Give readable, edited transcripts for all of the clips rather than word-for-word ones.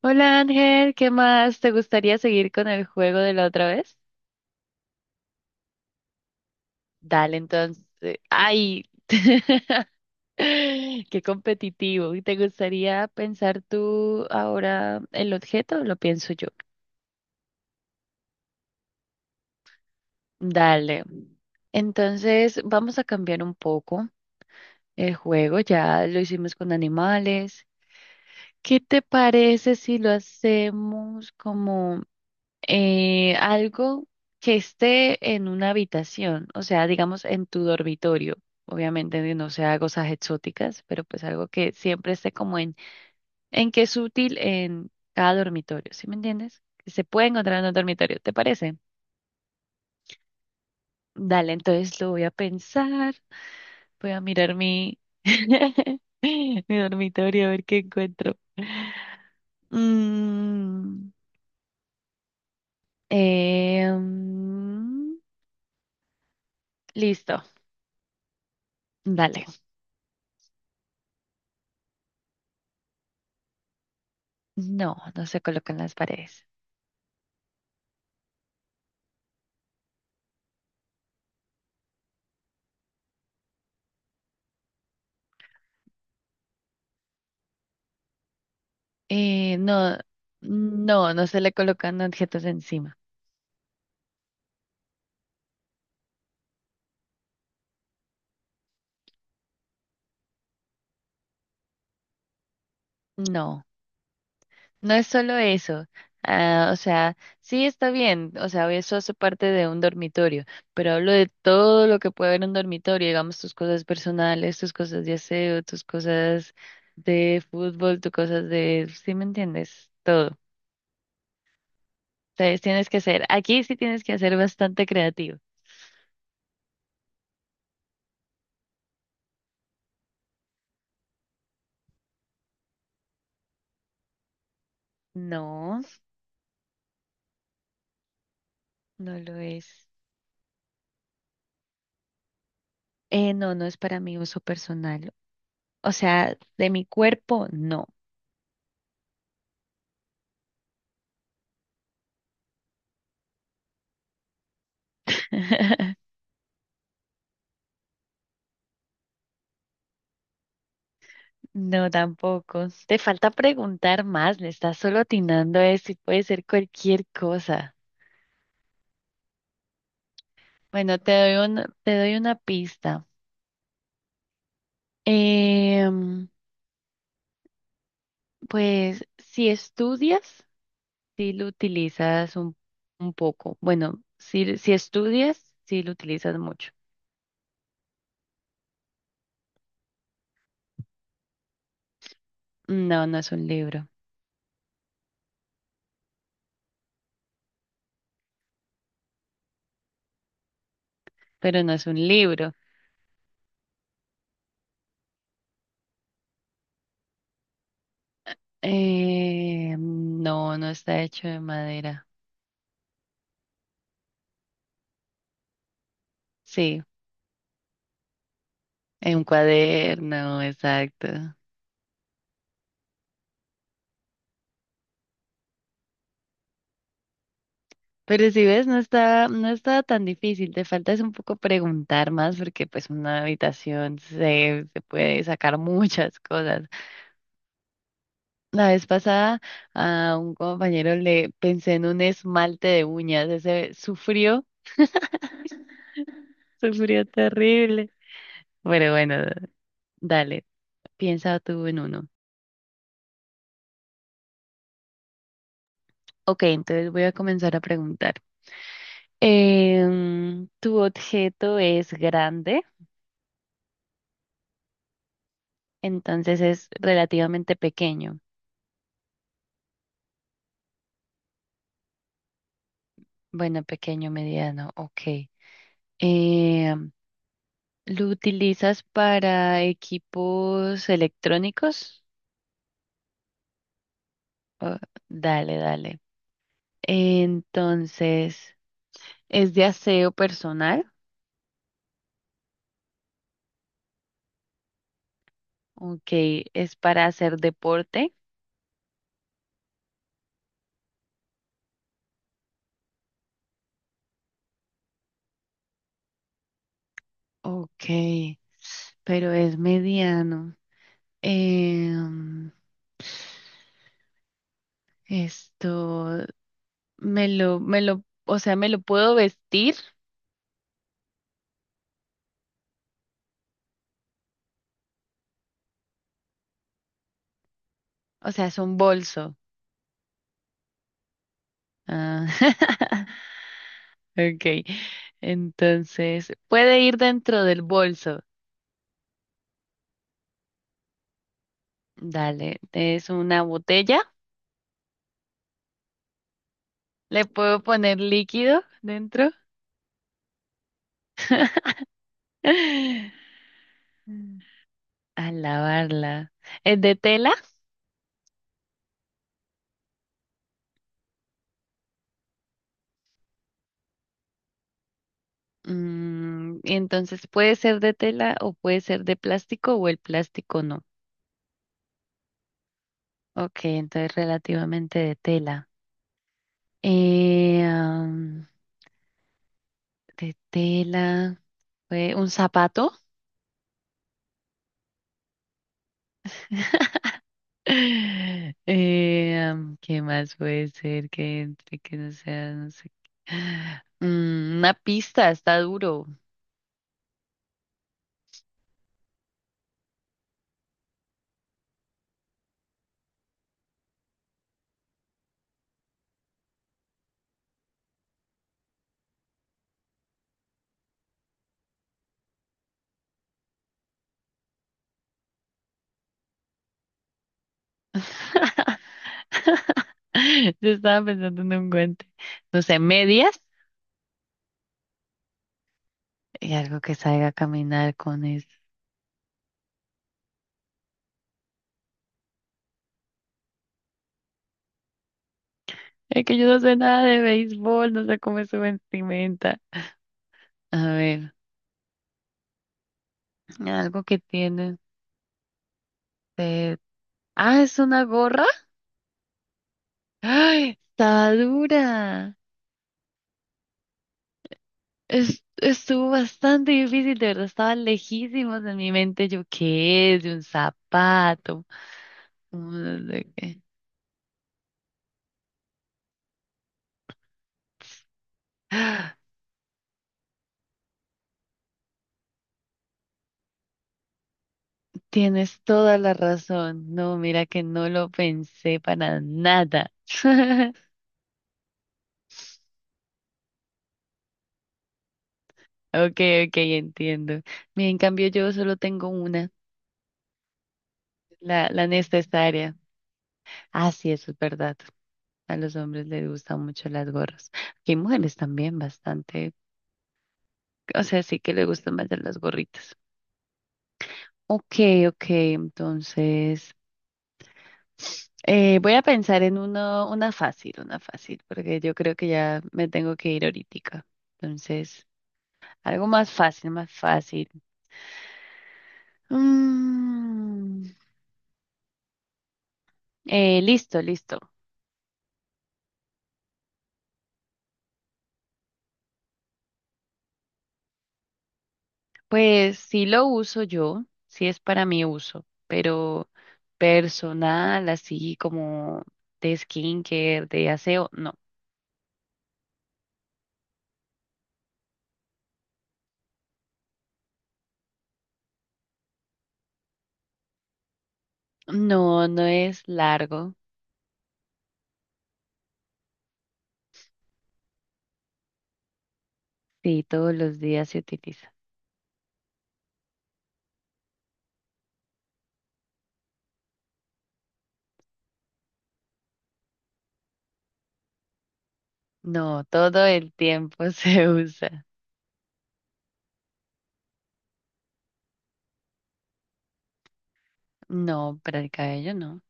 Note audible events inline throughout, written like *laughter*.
Hola Ángel, ¿qué más? ¿Te gustaría seguir con el juego de la otra vez? Dale, entonces. ¡Ay! *laughs* ¡Qué competitivo! ¿Te gustaría pensar tú ahora el objeto o lo pienso yo? Dale. Entonces, vamos a cambiar un poco el juego. Ya lo hicimos con animales. ¿Qué te parece si lo hacemos como... algo que esté en una habitación, o sea, digamos en tu dormitorio. Obviamente no sea cosas exóticas, pero pues algo que siempre esté como en que es útil en cada dormitorio, ¿sí me entiendes? Que se puede encontrar en un dormitorio, ¿te parece? Dale, entonces lo voy a pensar, voy a mirar *laughs* mi dormitorio a ver qué encuentro. Mm, em, listo, dale. No, no se colocan las paredes. Eh, no, no, no se le colocan objetos encima. No, no es solo eso. Ah, o sea, sí está bien, o sea, eso hace parte de un dormitorio, pero hablo de todo lo que puede haber en un dormitorio, digamos tus cosas personales, tus cosas de aseo, tus cosas de fútbol, tus cosas de, ¿sí me entiendes? Todo. Entonces tienes que ser, aquí sí tienes que ser bastante creativo. No, no lo es. No, no es para mi uso personal. O sea, de mi cuerpo, no. *laughs* No, tampoco. Te falta preguntar más, le estás solo atinando a eso y puede ser cualquier cosa. Bueno, te doy una pista. Em, pues si estudias, sí lo utilizas un poco. Bueno, si estudias, sí lo utilizas mucho. No, no es un libro, pero no es un libro. No, no está hecho de madera. Sí, en un cuaderno, exacto. Pero si ves, no está tan difícil. Te falta es un poco preguntar más porque pues una habitación se puede sacar *laughs* muchas cosas. La vez pasada a un compañero le pensé en un esmalte de uñas. Ese sufrió, sufrió terrible. Pero bueno, dale, piensa tú en uno. Ok, entonces voy a comenzar a preguntar. Tu objeto es grande, entonces es relativamente pequeño. Bueno, pequeño, mediano, ok. Em, ¿Lo utilizas para equipos electrónicos? Oh, dale, dale. Entonces, ¿es de aseo personal? Ok. ¿Es para hacer deporte? Ok. Pero es mediano. Em, esto. Me lo, o sea, me lo puedo vestir, o sea, es un bolso. Ah, *laughs* ok. Entonces, puede ir dentro del bolso. Dale, es una botella. Le puedo poner líquido dentro. *laughs* A lavarla. ¿Es de tela? Mm, entonces puede ser de tela o puede ser de plástico o el plástico no. Ok, entonces relativamente de tela. Eh, de tela, fue un zapato. *laughs* ¿Qué más puede ser que entre, que no sea, no sé? ¿qué? *gasps* Mm, una pista, está duro. *laughs* Yo estaba pensando en un guante. No sé, medias y algo que salga a caminar con eso. Es que yo no sé nada de béisbol, no sé cómo es su vestimenta. A ver, algo que tiene. de- Ah, es una gorra. *gasps* ¡Ay! Está dura. Estuvo bastante difícil, de verdad, estaba lejísimos en mi mente. Yo, ¿qué es? De un zapato. Un no sé qué. *gasps* ¡Ah! Tienes toda la razón. No, mira que no lo pensé para nada. *laughs* Ok, ok, entiendo. Mira, en cambio yo solo tengo una, la necesaria. Ah, sí, eso es verdad. A los hombres les gustan mucho las gorras. Que hay mujeres también bastante, o sea, sí que les gustan más de las gorritas. Ok, ok, entonces voy a pensar en uno, una fácil, porque yo creo que ya me tengo que ir ahorita. Entonces, algo más fácil, más fácil. Mm, listo, listo. Pues sí lo uso yo, sí es para mi uso, pero personal, así como de skincare, de aseo, no. No, no es largo. Sí, todos los días se utiliza. No, todo el tiempo *laughs* se usa. No, para el cabello no.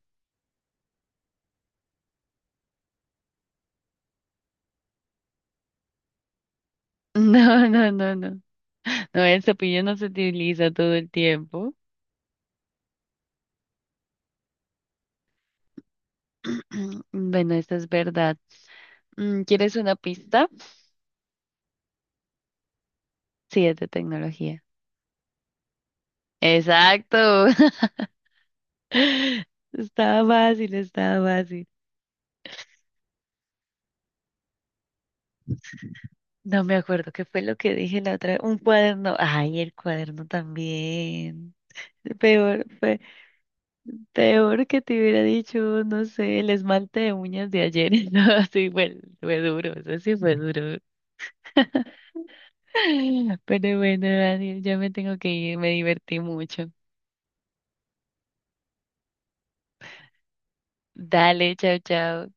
*laughs* No, no, no, no. No, el cepillo no se utiliza todo el tiempo. *clears throat* Bueno, esta es verdad. Mm, ¿quieres una pista? Sí, es de tecnología. Exacto. *laughs* Estaba fácil, estaba fácil. No me acuerdo qué fue lo que dije la otra. Un cuaderno. Ay, el cuaderno también. Peor, peor que te hubiera dicho, no sé, el esmalte de uñas de ayer. *laughs* No, sí, fue duro, eso sí fue duro. *laughs* Pero bueno, Daniel, ya me tengo que ir, me divertí mucho. Dale, chao, chao.